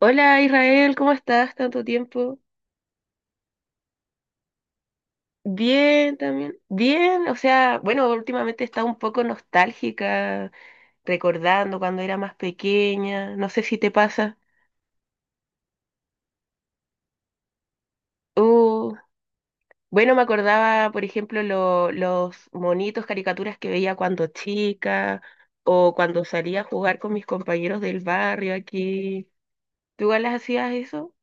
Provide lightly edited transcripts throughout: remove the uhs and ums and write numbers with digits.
Hola Israel, ¿cómo estás? Tanto tiempo. Bien, también. Bien, o sea, bueno, últimamente he estado un poco nostálgica, recordando cuando era más pequeña, no sé si te pasa. Uh, bueno, me acordaba, por ejemplo, los monitos, caricaturas que veía cuando chica o cuando salía a jugar con mis compañeros del barrio aquí. ¿Tú igual las hacías eso?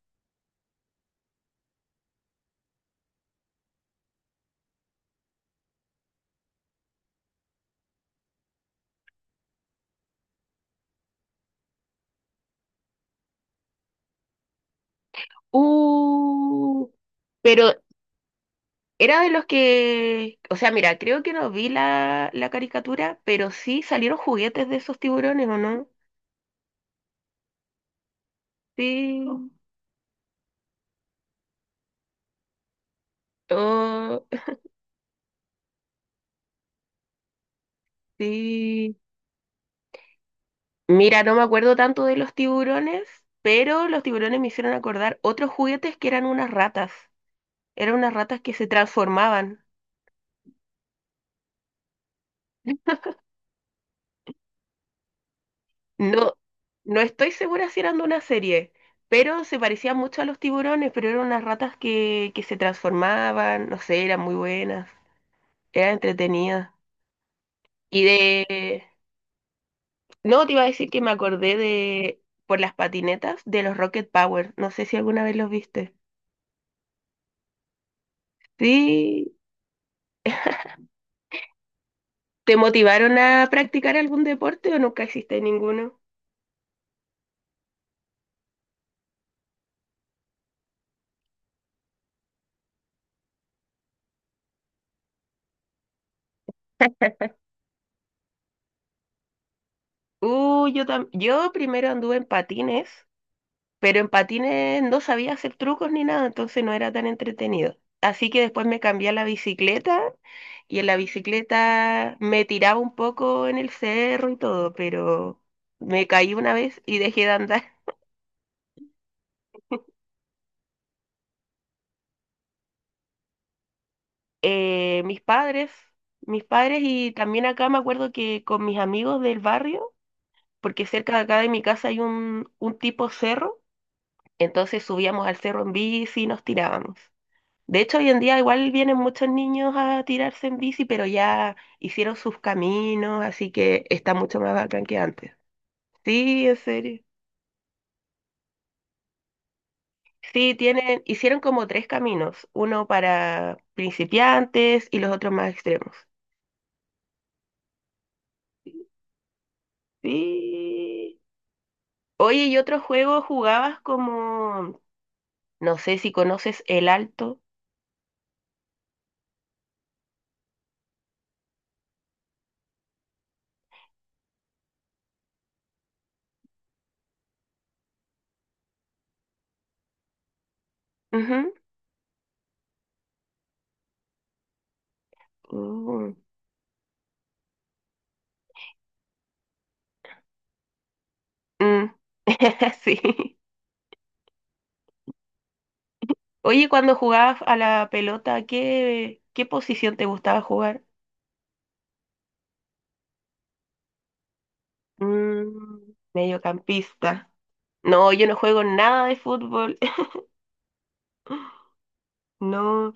Uh, pero Era de los que, o sea, mira, creo que no vi la caricatura, pero sí salieron juguetes de esos tiburones, ¿o no? Sí. Oh, sí. Mira, no me acuerdo tanto de los tiburones, pero los tiburones me hicieron acordar otros juguetes que eran unas ratas. Eran unas ratas que se transformaban. No, no estoy segura si eran de una serie, pero se parecían mucho a los tiburones, pero eran unas ratas que se transformaban, no sé, eran muy buenas, eran entretenidas. Y de... No, te iba a decir que me acordé de... por las patinetas de los Rocket Power. No sé si alguna vez los viste. Sí. ¿Te motivaron a practicar algún deporte o nunca hiciste ninguno? Yo primero anduve en patines, pero en patines no sabía hacer trucos ni nada, entonces no era tan entretenido. Así que después me cambié a la bicicleta y en la bicicleta me tiraba un poco en el cerro y todo, pero me caí una vez y dejé de andar. eh, mis padres, mis padres y también acá me acuerdo que con mis amigos del barrio, porque cerca de acá de mi casa hay un tipo cerro, entonces subíamos al cerro en bici y nos tirábamos. De hecho, hoy en día igual vienen muchos niños a tirarse en bici, pero ya hicieron sus caminos, así que está mucho más bacán que antes. Sí, en serio. Sí, tienen, hicieron como tres caminos, uno para principiantes y los otros más extremos. Sí. Oye, ¿y otro juego jugabas como, no sé si conoces El Alto? Ujú. Uh, mm. Sí. Oye, cuando jugabas a la pelota, ¿qué posición te gustaba jugar? Mm, mediocampista. No, yo no juego nada de fútbol. No.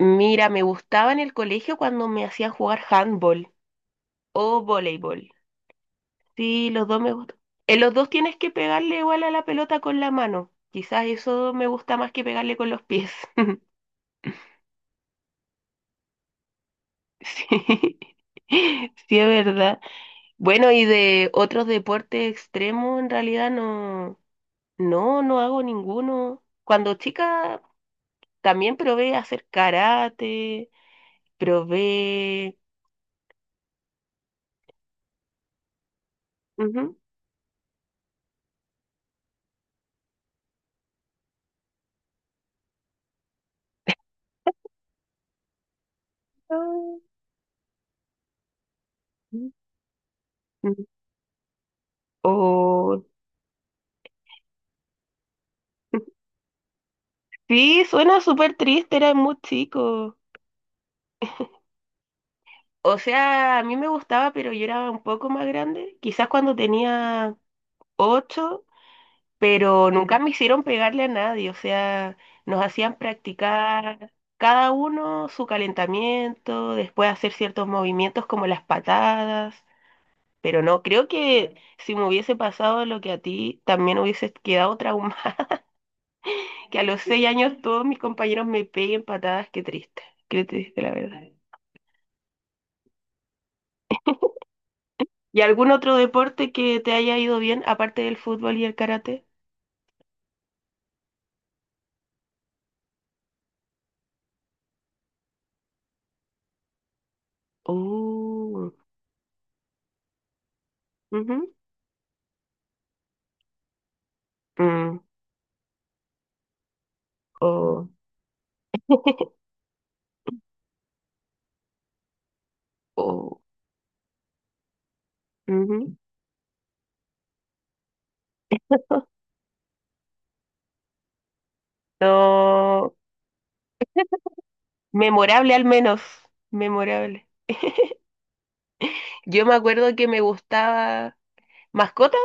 Mira, me gustaba en el colegio cuando me hacían jugar handball o voleibol. Sí, los dos me gustan. En los dos tienes que pegarle igual a la pelota con la mano. Quizás eso me gusta más que pegarle con los pies. Sí, sí es verdad. Bueno, y de otros deportes extremos, en realidad no hago ninguno. Cuando chica también probé hacer karate, probé... ujú, Ah. ujú. O... Sí, suena súper triste, era muy chico. O sea, a mí me gustaba, pero yo era un poco más grande, quizás cuando tenía 8, pero nunca me hicieron pegarle a nadie, o sea, nos hacían practicar cada uno su calentamiento, después hacer ciertos movimientos como las patadas, pero no, creo que si me hubiese pasado lo que a ti, también hubiese quedado traumada, que a los 6 años todos mis compañeros me peguen patadas, qué triste la verdad. ¿Y algún otro deporte que te haya ido bien, aparte del fútbol y el karate? Oh, ujú, mm, oh, oh, ujú. No, memorable al menos, memorable. Yo me acuerdo que me gustaba mascotas.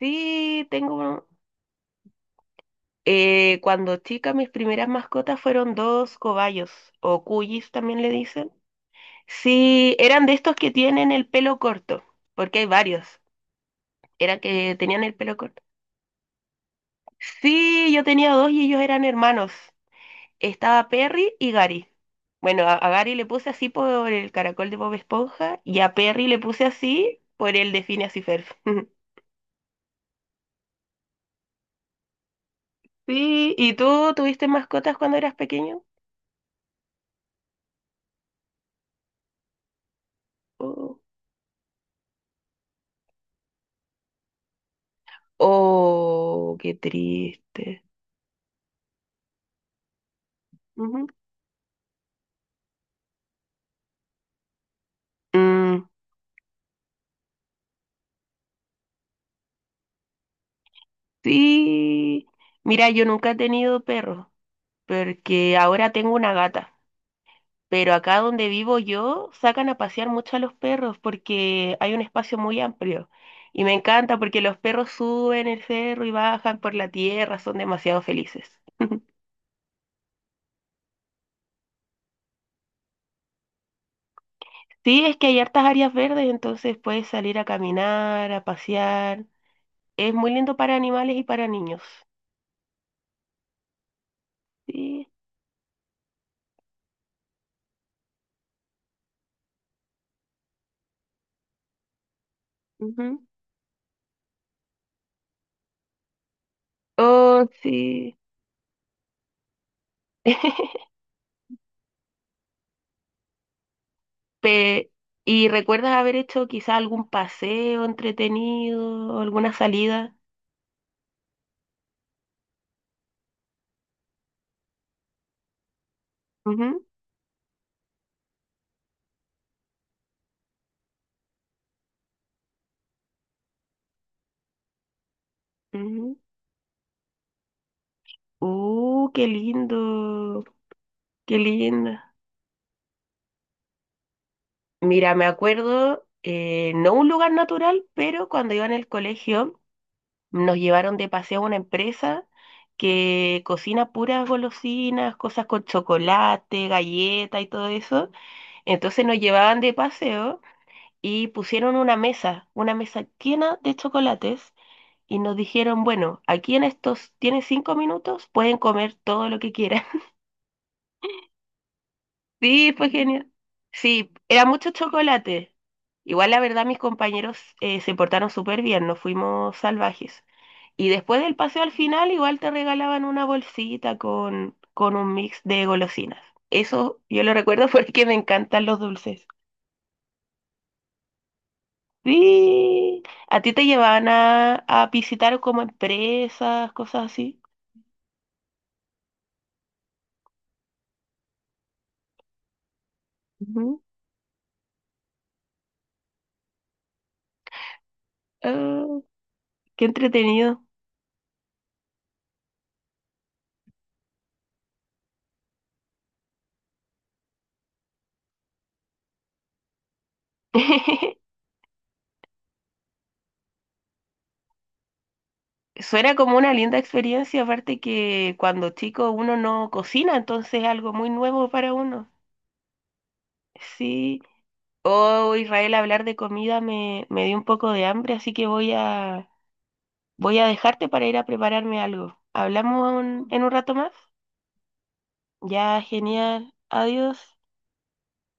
Sí, tengo cuando chica mis primeras mascotas fueron dos cobayos o cuyis también le dicen. Sí, eran de estos que tienen el pelo corto, porque hay varios. Eran que tenían el pelo corto. Sí, yo tenía dos y ellos eran hermanos. Estaba Perry y Gary. Bueno, a Gary le puse así por el caracol de Bob Esponja y a Perry le puse así por el de Phineas y Ferb. Sí, ¿y tú tuviste mascotas cuando eras pequeño? Oh, oh, qué triste. Ujú. Mm, sí. Mira, yo nunca he tenido perro, porque ahora tengo una gata. Pero acá donde vivo yo sacan a pasear mucho a los perros porque hay un espacio muy amplio. Y me encanta porque los perros suben el cerro y bajan por la tierra, son demasiado felices. Sí, es que hay hartas áreas verdes, entonces puedes salir a caminar, a pasear. Es muy lindo para animales y para niños. Sí. Ujú. Oh, sí. Pe- ¿y recuerdas haber hecho quizá algún paseo entretenido, alguna salida? Ujú, ujú. Qué lindo, qué linda. Mira, me acuerdo, no un lugar natural, pero cuando iba en el colegio nos llevaron de paseo a una empresa que cocina puras golosinas, cosas con chocolate, galleta y todo eso. Entonces nos llevaban de paseo y pusieron una mesa llena de chocolates y nos dijeron, bueno, aquí en estos, tienen 5 minutos, pueden comer todo lo que quieran. Sí, fue genial. Sí, era mucho chocolate. Igual la verdad mis compañeros se portaron súper bien, no fuimos salvajes. Y después del paseo al final igual te regalaban una bolsita con un mix de golosinas. Eso yo lo recuerdo porque me encantan los dulces. Sí, a ti te llevaban a visitar como empresas, cosas así. Ujú. Ah, qué entretenido. Suena como una linda experiencia, aparte que cuando chico uno no cocina, entonces es algo muy nuevo para uno. Sí. Oh, Israel, hablar de comida me, me dio un poco de hambre, así que voy a, voy a dejarte para ir a prepararme algo. ¿Hablamos en un rato más? Ya, genial. Adiós.